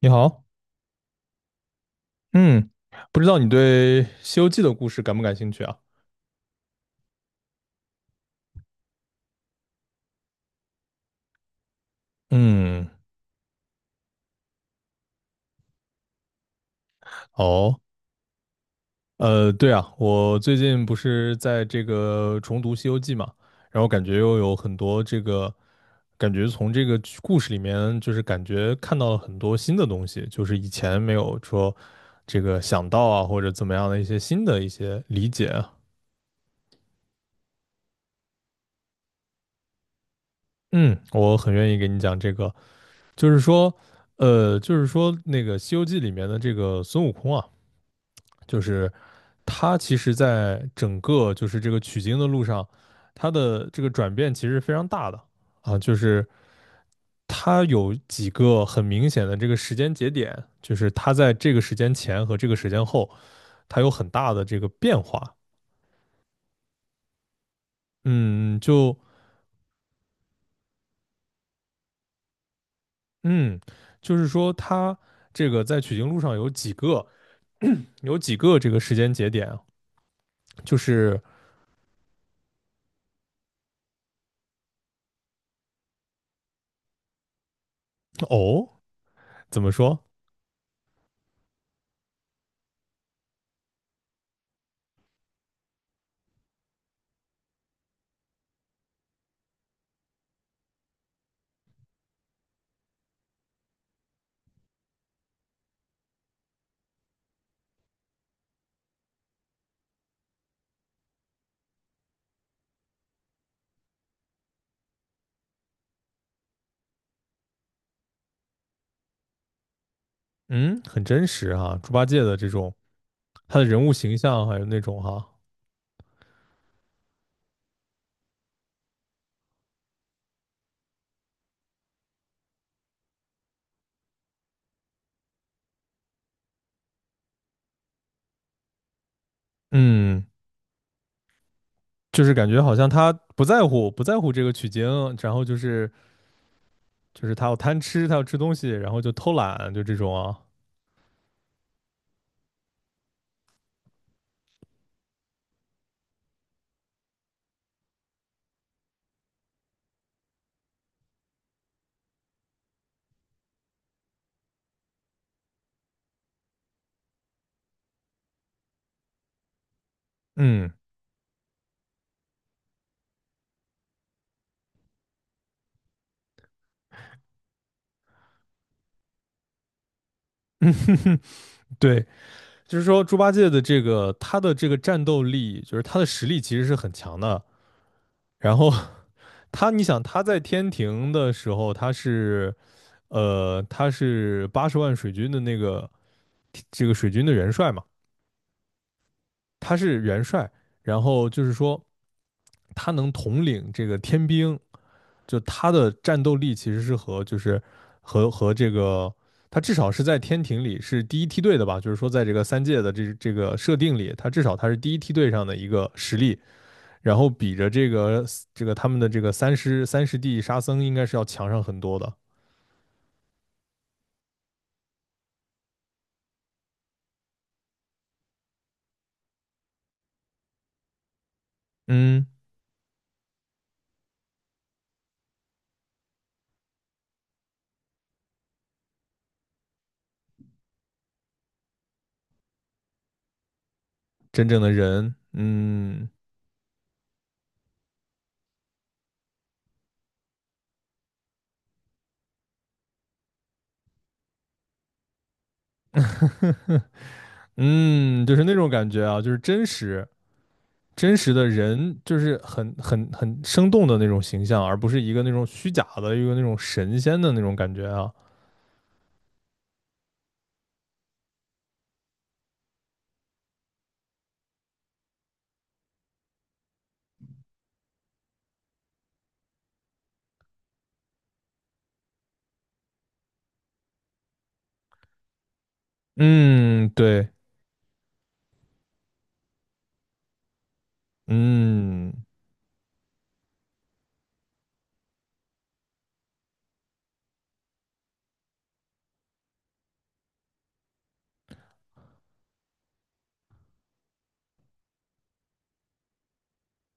你好，嗯，不知道你对《西游记》的故事感不感兴趣啊？嗯，哦，对啊，我最近不是在这个重读《西游记》嘛，然后感觉又有很多这个，感觉从这个剧故事里面，就是感觉看到了很多新的东西，就是以前没有说这个想到啊，或者怎么样的一些新的一些理解啊。嗯，我很愿意给你讲这个，就是说，就是说那个《西游记》里面的这个孙悟空啊。就是他其实，在整个就是这个取经的路上，他的这个转变其实非常大的啊，就是他有几个很明显的这个时间节点，就是他在这个时间前和这个时间后，他有很大的这个变化。嗯，就嗯，就是说他这个在取经路上有几个 有几个这个时间节点啊就是哦，怎么说？嗯，很真实啊，猪八戒的这种他的人物形象还有那种哈，嗯，就是感觉好像他不在乎这个取经，然后就是他要贪吃，他要吃东西，然后就偷懒，就这种啊，嗯。对，就是说猪八戒的这个他的这个战斗力，就是他的实力其实是很强的。然后他，你想他在天庭的时候，他是，他是八十万水军的这个水军的元帅嘛，他是元帅。然后就是说，他能统领这个天兵，就他的战斗力其实是和就是和这个他至少是在天庭里是第一梯队的吧，就是说在这个三界的这这个设定里，他至少他是第一梯队上的一个实力，然后比着这个这个他们的这个三师弟沙僧应该是要强上很多的，嗯，真正的人，嗯嗯，就是那种感觉啊，就是真实，真实的人，就是很很很生动的那种形象，而不是一个那种虚假的一个那种神仙的那种感觉啊。嗯，对，嗯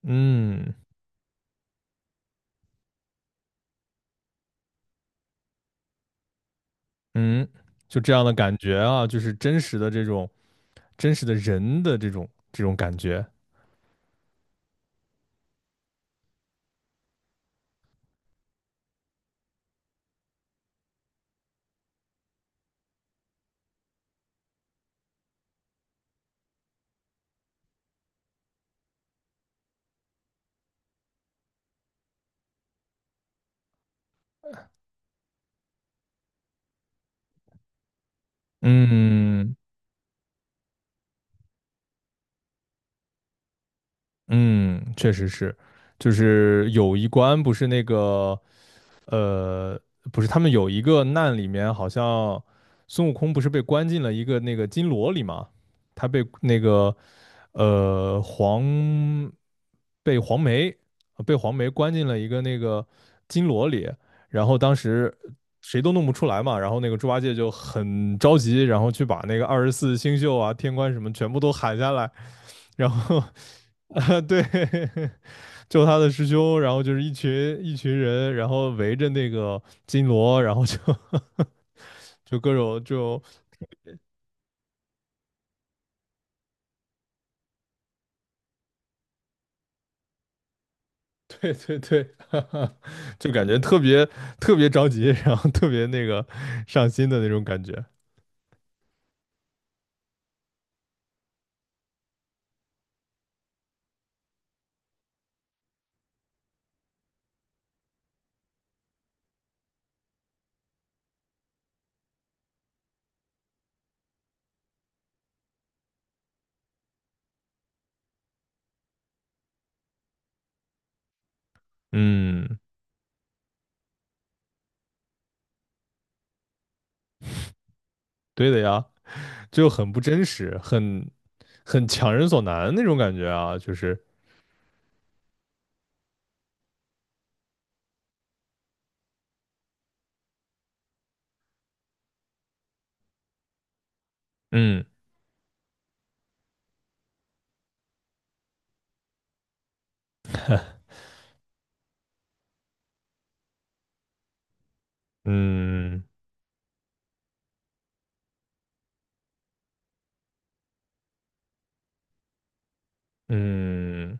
嗯嗯，就这样的感觉啊，就是真实的这种真实的人的这种感觉。嗯嗯，确实是，就是有一关不是那个呃，不是，他们有一个难里面，好像孙悟空不是被关进了一个那个金罗里吗？他被那个呃黄被黄梅呃被黄梅关进了一个那个金罗里，然后当时谁都弄不出来嘛，然后那个猪八戒就很着急，然后去把那个二十四星宿啊、天官什么全部都喊下来，然后 啊、对。救他的师兄，然后就是一群一群人，然后围着那个金锣，然后就 就各种就对对对，就感觉特别特别着急，然后特别那个上心的那种感觉。嗯，对的呀，就很不真实，很强人所难那种感觉啊，就是嗯嗯嗯，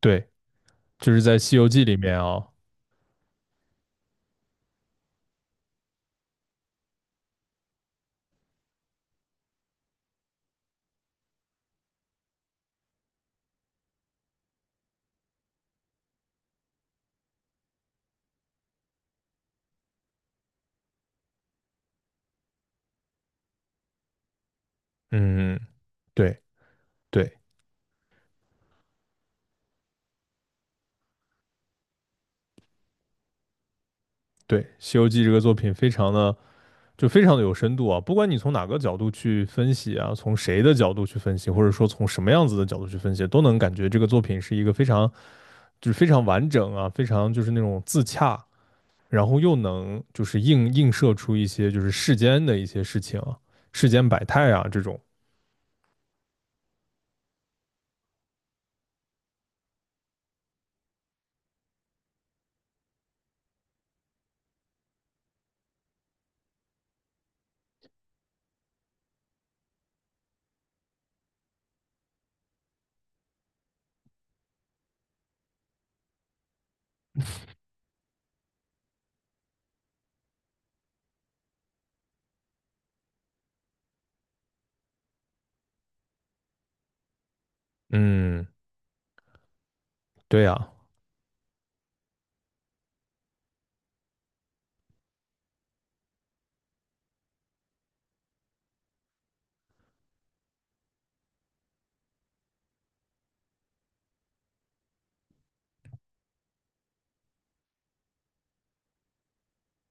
对，就是在《西游记》里面啊，嗯，对对对，《西游记》这个作品非常的。就非常的有深度啊！不管你从哪个角度去分析啊，从谁的角度去分析，或者说从什么样子的角度去分析，都能感觉这个作品是一个非常就是非常完整啊，非常就是那种自洽，然后又能就是映射出一些就是世间的一些事情啊，世间百态啊这种。嗯，对啊，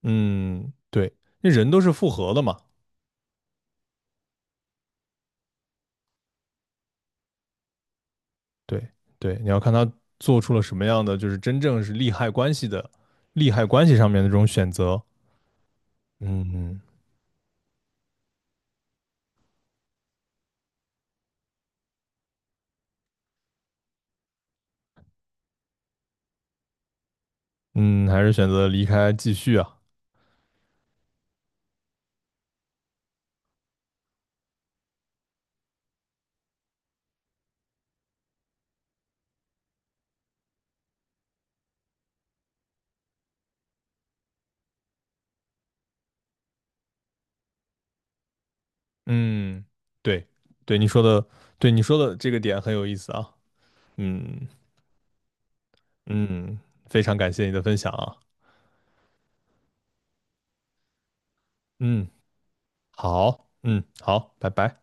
嗯，对，那人都是复合的嘛，对对，你要看他做出了什么样的，就是真正是利害关系上面的这种选择。嗯。嗯嗯，还是选择离开继续啊。嗯，对，对你说的，对你说的这个点很有意思啊。嗯嗯，非常感谢你的分享啊。嗯，好，好，拜拜。